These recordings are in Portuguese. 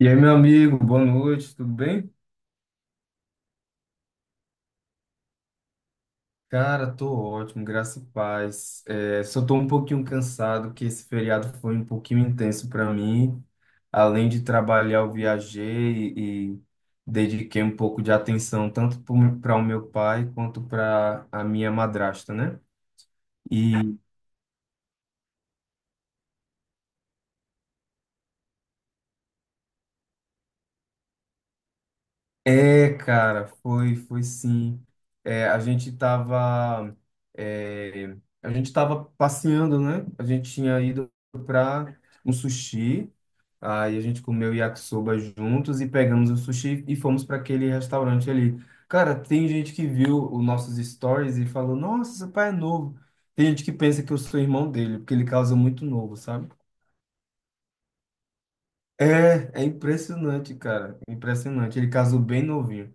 E aí, meu amigo, boa noite, tudo bem? Cara, tô ótimo, graças a paz. Só tô um pouquinho cansado, que esse feriado foi um pouquinho intenso para mim. Além de trabalhar, eu viajei e dediquei um pouco de atenção tanto para o meu pai quanto para a minha madrasta, né? E cara, foi sim. É, a gente tava, é, a gente tava passeando, né? A gente tinha ido para um sushi, aí a gente comeu yakisoba juntos e pegamos o sushi e fomos para aquele restaurante ali. Cara, tem gente que viu os nossos stories e falou, nossa, seu pai é novo. Tem gente que pensa que eu sou irmão dele, porque ele casa muito novo, sabe? É impressionante, cara, impressionante. Ele casou bem novinho.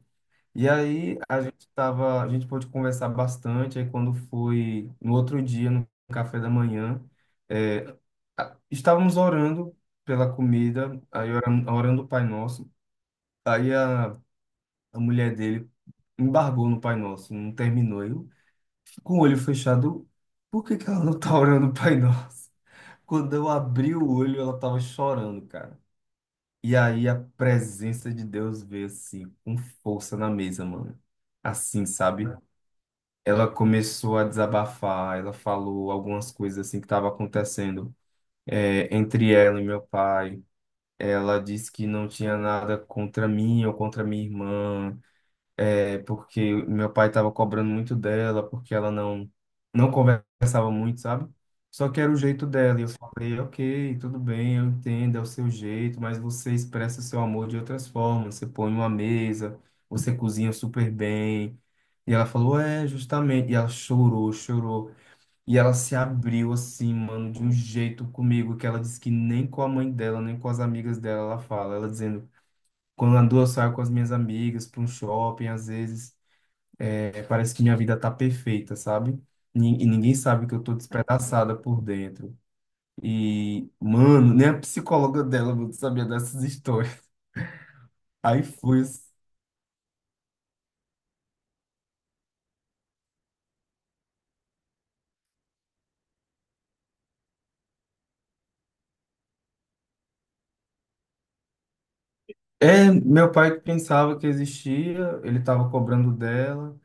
E aí a gente tava, a gente pôde conversar bastante. Aí quando foi no outro dia, no café da manhã, é, estávamos orando pela comida, aí orando, orando o Pai Nosso. Aí a mulher dele embargou no Pai Nosso, não terminou. Eu, com o olho fechado, por que que ela não tá orando o Pai Nosso? Quando eu abri o olho, ela tava chorando, cara. E aí a presença de Deus veio assim, com força na mesa, mano. Assim, sabe? Ela começou a desabafar, ela falou algumas coisas assim que estavam acontecendo, entre ela e meu pai. Ela disse que não tinha nada contra mim ou contra minha irmã, é porque meu pai estava cobrando muito dela, porque ela não conversava muito, sabe? Só que era o jeito dela. E eu falei, ok, tudo bem, eu entendo, é o seu jeito, mas você expressa seu amor de outras formas. Você põe uma mesa, você cozinha super bem. E ela falou, é, justamente. E ela chorou, chorou. E ela se abriu assim, mano, de um jeito comigo, que ela disse que nem com a mãe dela, nem com as amigas dela ela fala. Ela dizendo, quando andou, eu saio com as minhas amigas para um shopping, às vezes. Parece que minha vida tá perfeita, sabe? E ninguém sabe que eu tô despedaçada por dentro. E, mano, nem a psicóloga dela mano, sabia dessas histórias. Aí fui. É, meu pai que pensava que existia, ele tava cobrando dela.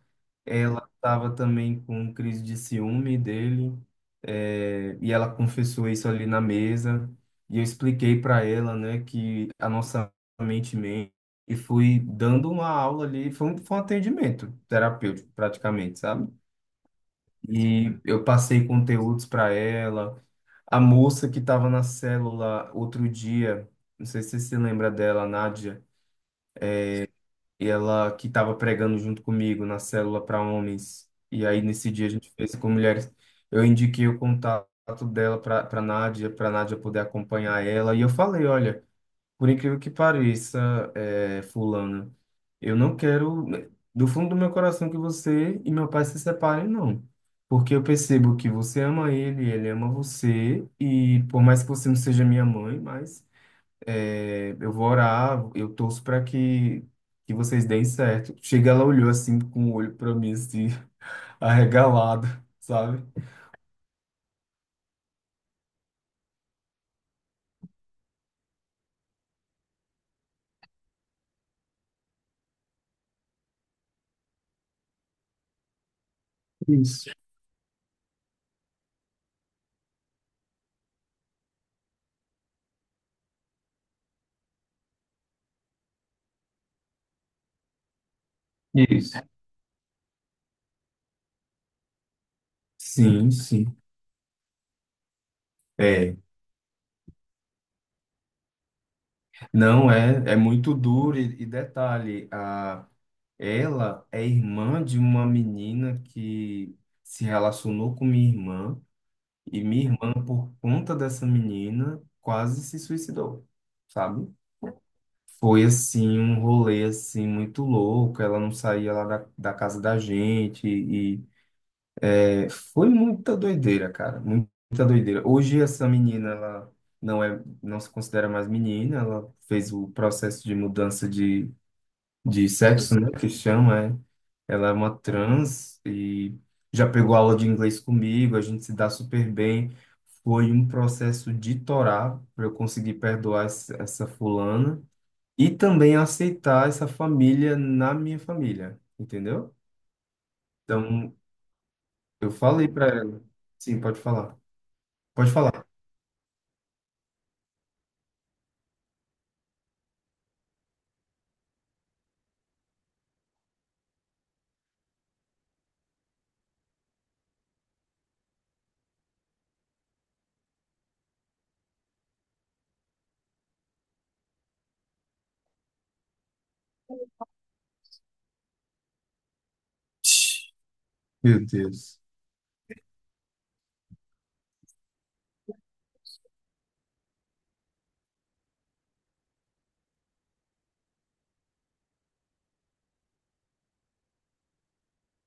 Ela estava também com crise de ciúme dele, e ela confessou isso ali na mesa. E eu expliquei para ela, né, que a nossa mente mente. E fui dando uma aula ali, foi um atendimento terapêutico, praticamente, sabe? E eu passei conteúdos para ela. A moça que estava na célula outro dia, não sei se você se lembra dela, a Nádia e ela que estava pregando junto comigo na célula para homens. E aí nesse dia a gente fez com mulheres. Eu indiquei o contato dela para Nádia, para Nádia poder acompanhar ela. E eu falei, olha, por incrível que pareça, fulana, eu não quero do fundo do meu coração que você e meu pai se separem, não. Porque eu percebo que você ama ele, ele ama você, e por mais que você não seja minha mãe, mas eu vou orar, eu torço que vocês deem certo. Chega, ela olhou assim com o olho para mim, assim, arregalado, sabe? Isso. Isso. Sim, sim. É, não é, é muito duro e detalhe, ela é irmã de uma menina que se relacionou com minha irmã e minha irmã, por conta dessa menina, quase se suicidou, sabe? Foi assim, um rolê assim muito louco. Ela não saía lá da casa da gente e foi muita doideira, cara, muita doideira. Hoje essa menina ela não é, não se considera mais menina. Ela fez o processo de mudança de sexo, né, que chama, é. Ela é uma trans e já pegou aula de inglês comigo. A gente se dá super bem. Foi um processo de torar para eu conseguir perdoar essa fulana e também aceitar essa família na minha família, entendeu? Então, eu falei para ela. Sim, pode falar. Pode falar. Meu Deus.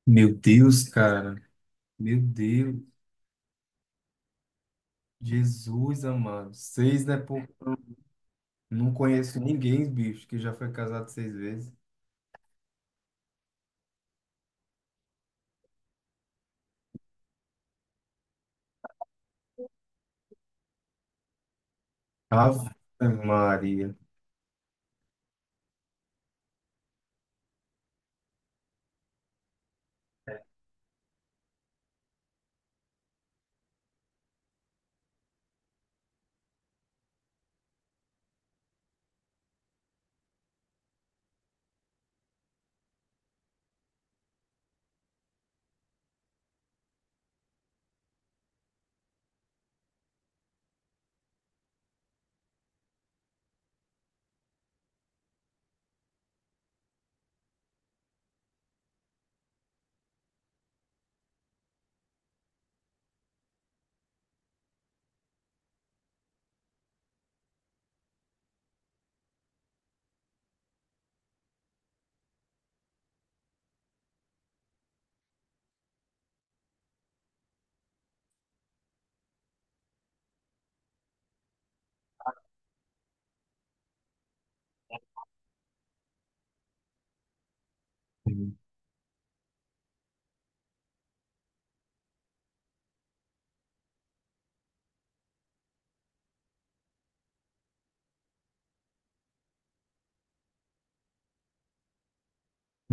Meu Deus, cara. Meu Deus. Jesus amado. Seis, né, pô? Não conheço ninguém, bicho, que já foi casado seis vezes. Ave Maria.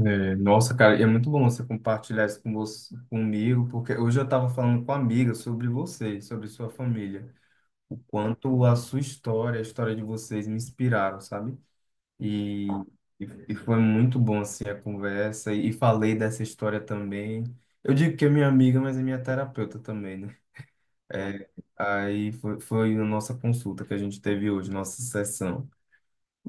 Nossa, cara, e é muito bom você compartilhar isso com você, comigo, porque hoje eu estava falando com uma amiga sobre você, sobre sua família. O quanto a sua história, a história de vocês me inspiraram, sabe? E, e foi muito bom, assim, a conversa. E falei dessa história também. Eu digo que é minha amiga, mas é minha terapeuta também, né? É, aí foi a nossa consulta que a gente teve hoje, nossa sessão.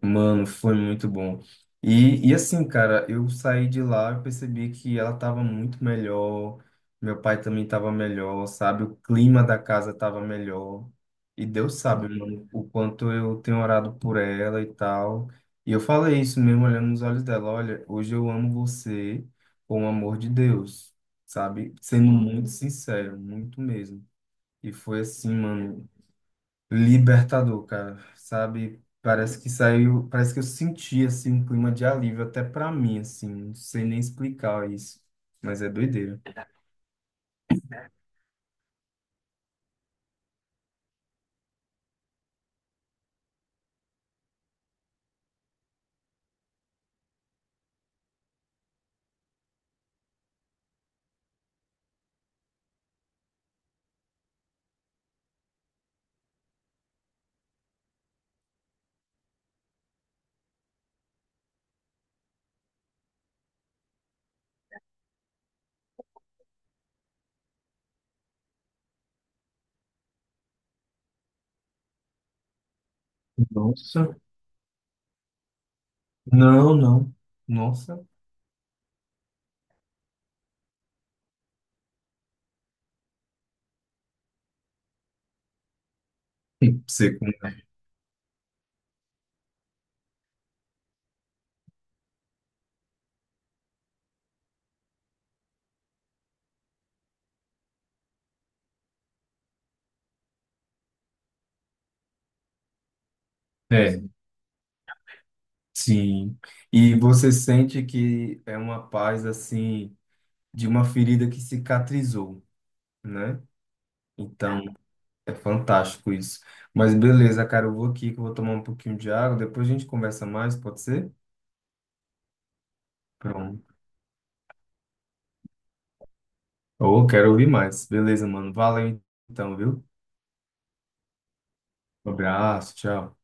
Mano, foi muito bom. E assim, cara, eu saí de lá e percebi que ela tava muito melhor, meu pai também tava melhor, sabe? O clima da casa tava melhor. E Deus sabe, mano, o quanto eu tenho orado por ela e tal. E eu falei isso mesmo olhando nos olhos dela, olha, hoje eu amo você com o amor de Deus, sabe? Sendo muito sincero, muito mesmo. E foi assim, mano, libertador, cara, sabe? Parece que saiu, parece que eu senti assim um clima de alívio até pra mim, assim, não sei nem explicar isso, mas é doideira. Nossa. Não, não. Nossa. Você- É, sim. E você sente que é uma paz assim de uma ferida que cicatrizou, né? Então, é fantástico isso. Mas beleza, cara, eu vou aqui que eu vou tomar um pouquinho de água, depois a gente conversa mais, pode ser? Pronto. Ou quero ouvir mais. Beleza, mano. Valeu então, viu? Um abraço, tchau.